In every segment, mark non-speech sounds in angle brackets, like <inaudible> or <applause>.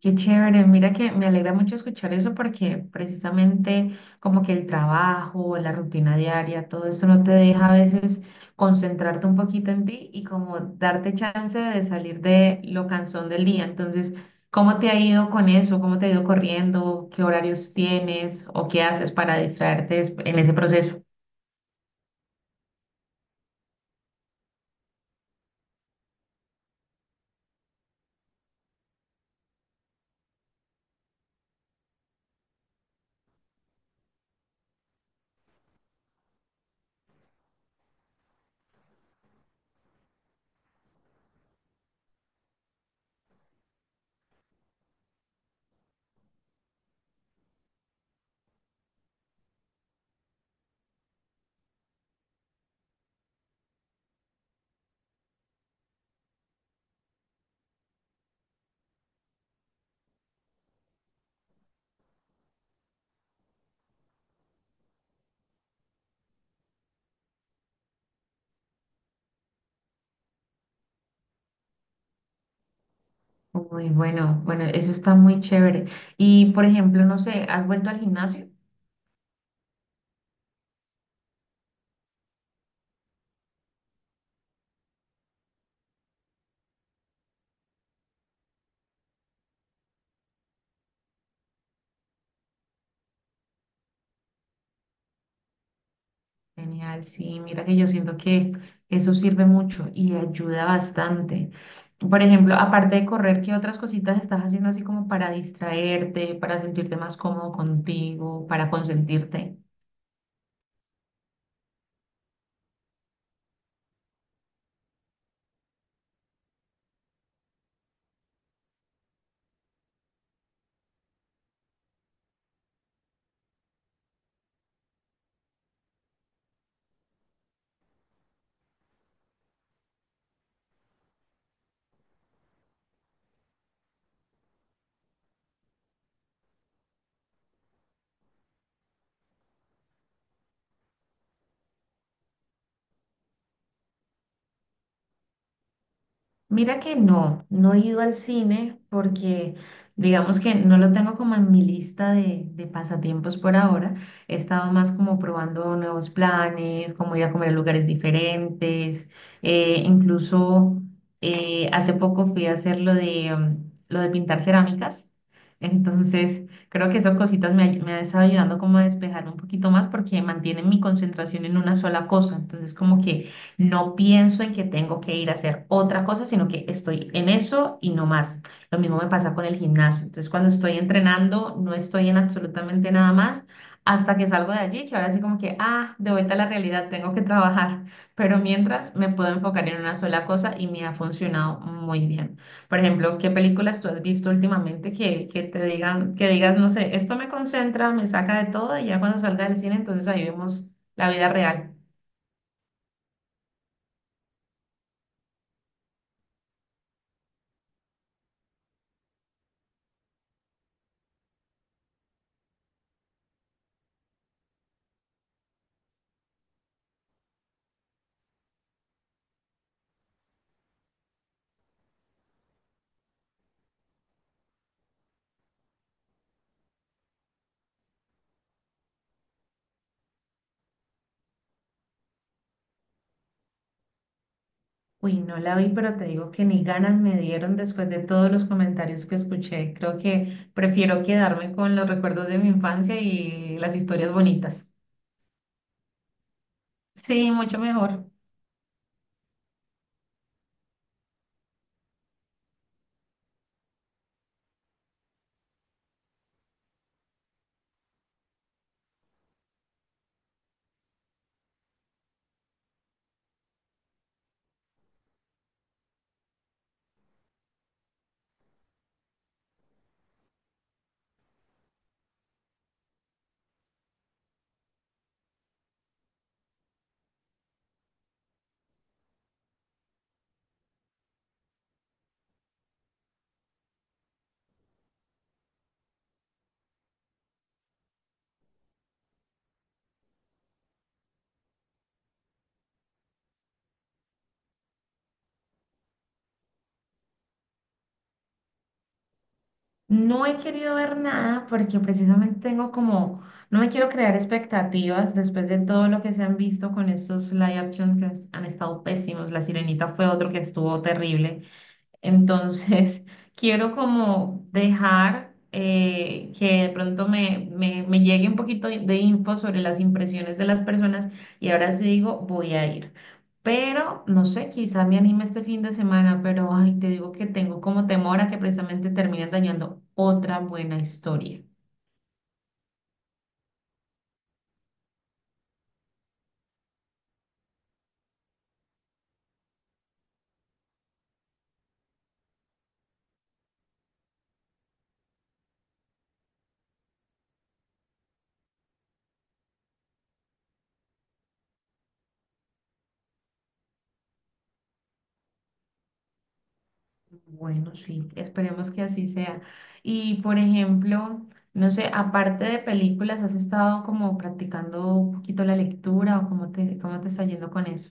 Qué chévere, mira que me alegra mucho escuchar eso porque precisamente como que el trabajo, la rutina diaria, todo eso no te deja a veces concentrarte un poquito en ti y como darte chance de salir de lo cansón del día. Entonces, ¿cómo te ha ido con eso? ¿Cómo te ha ido corriendo? ¿Qué horarios tienes o qué haces para en ese proceso? Muy bueno, bueno, eso está muy chévere. Y por ejemplo, no sé, ¿has vuelto al gimnasio? Genial, sí, mira que yo siento que eso sirve mucho y ayuda bastante. Por ejemplo, aparte de correr, ¿qué otras cositas estás haciendo así como para distraerte, para sentirte más cómodo contigo, para consentirte? Mira que no, no he ido al cine porque digamos que no lo tengo como en mi lista de pasatiempos por ahora. He estado más como probando nuevos planes, como ir a comer a lugares diferentes. Incluso hace poco fui a hacer lo de pintar cerámicas. Entonces creo que esas cositas me han estado ayudando como a despejar un poquito más porque mantienen mi concentración en una sola cosa. Entonces como que no pienso en que tengo que ir a hacer otra cosa, sino que estoy en eso y no más. Lo mismo me pasa con el gimnasio. Entonces, cuando estoy entrenando, no estoy en absolutamente nada más hasta que salgo de allí, que ahora sí como que, ah, de vuelta a la realidad, tengo que trabajar. Pero mientras me puedo enfocar en una sola cosa y me ha funcionado muy bien. Por ejemplo, ¿qué películas tú has visto últimamente que te digan, que digas, no sé, esto me concentra, me saca de todo y ya cuando salga del cine, entonces ahí vemos la vida real? Uy, no la vi, pero te digo que ni ganas me dieron después de todos los comentarios que escuché. Creo que prefiero quedarme con los recuerdos de mi infancia y las historias bonitas. Sí, mucho mejor. No he querido ver nada porque precisamente tengo como, no me quiero crear expectativas después de todo lo que se han visto con estos live actions que han estado pésimos. La Sirenita fue otro que estuvo terrible. Entonces, <laughs> quiero como dejar que de pronto me llegue un poquito de info sobre las impresiones de las personas y ahora sí digo, voy a ir. Pero, no sé, quizá me anime este fin de semana, pero ay, te digo que tengo como temor a que precisamente terminen dañando otra buena historia. Bueno, sí, esperemos que así sea. Y por ejemplo, no sé, aparte de películas, ¿has estado como practicando un poquito la lectura o cómo te está yendo con eso?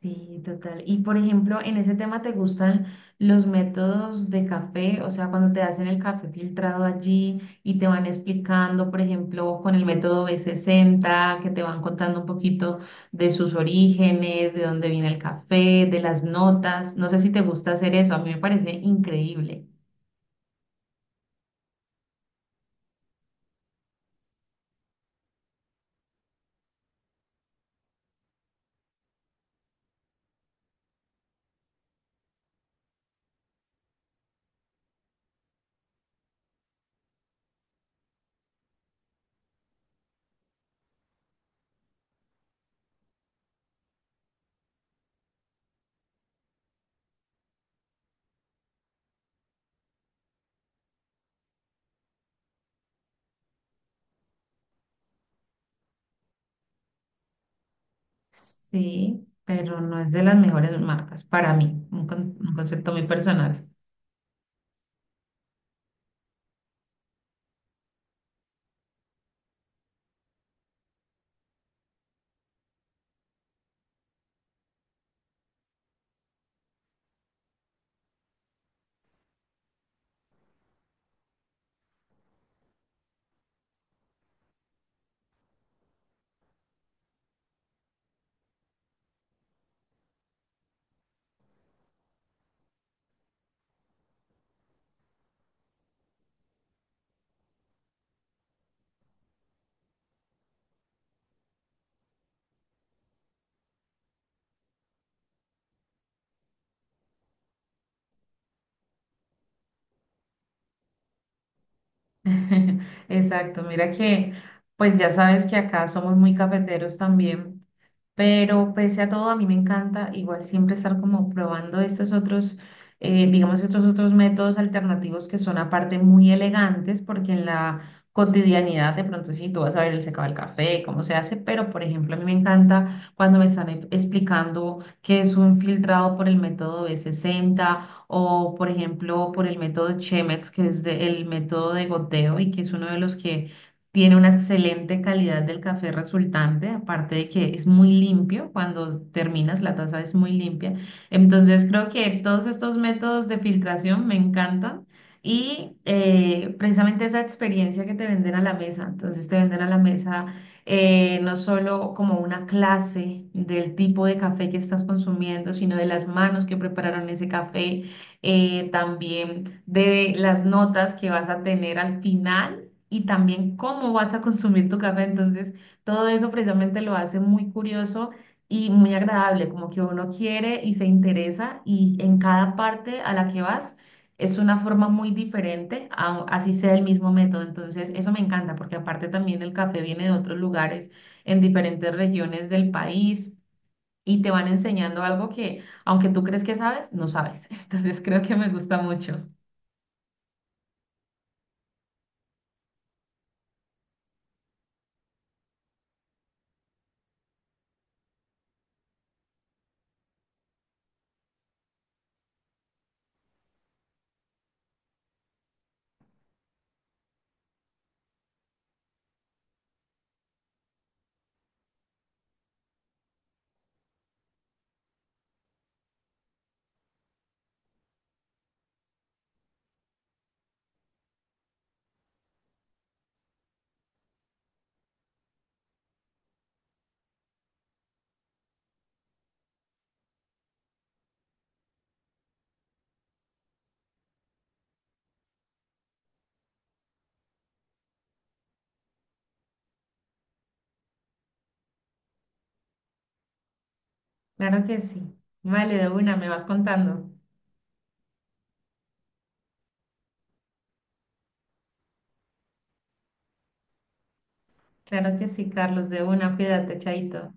Sí, total. Y por ejemplo, en ese tema te gustan los métodos de café, o sea, cuando te hacen el café filtrado allí y te van explicando, por ejemplo, con el método B60 que te van contando un poquito de sus orígenes, de dónde viene el café, de las notas. No sé si te gusta hacer eso, a mí me parece increíble. Sí, pero no es de las mejores marcas para mí, un concepto muy personal. <laughs> Exacto, mira que pues ya sabes que acá somos muy cafeteros también, pero pese a todo a mí me encanta igual siempre estar como probando estos otros, digamos estos otros métodos alternativos que son aparte muy elegantes porque en la cotidianidad de pronto sí tú vas a ver el secado del café, cómo se hace, pero por ejemplo a mí me encanta cuando me están explicando qué es un filtrado por el método B60 o por ejemplo por el método Chemex, el método de goteo y que es uno de los que tiene una excelente calidad del café resultante, aparte de que es muy limpio, cuando terminas la taza es muy limpia. Entonces creo que todos estos métodos de filtración me encantan. Y precisamente esa experiencia que te venden a la mesa, entonces te venden a la mesa no solo como una clase del tipo de café que estás consumiendo, sino de las manos que prepararon ese café, también de las notas que vas a tener al final y también cómo vas a consumir tu café. Entonces, todo eso precisamente lo hace muy curioso y muy agradable, como que uno quiere y se interesa y en cada parte a la que vas es una forma muy diferente, así sea el mismo método. Entonces, eso me encanta porque aparte también el café viene de otros lugares, en diferentes regiones del país y te van enseñando algo que, aunque tú crees que sabes, no sabes. <laughs> Entonces creo que me gusta mucho. Claro que sí. Vale, de una, me vas contando. Claro que sí, Carlos, de una, cuídate, chaito.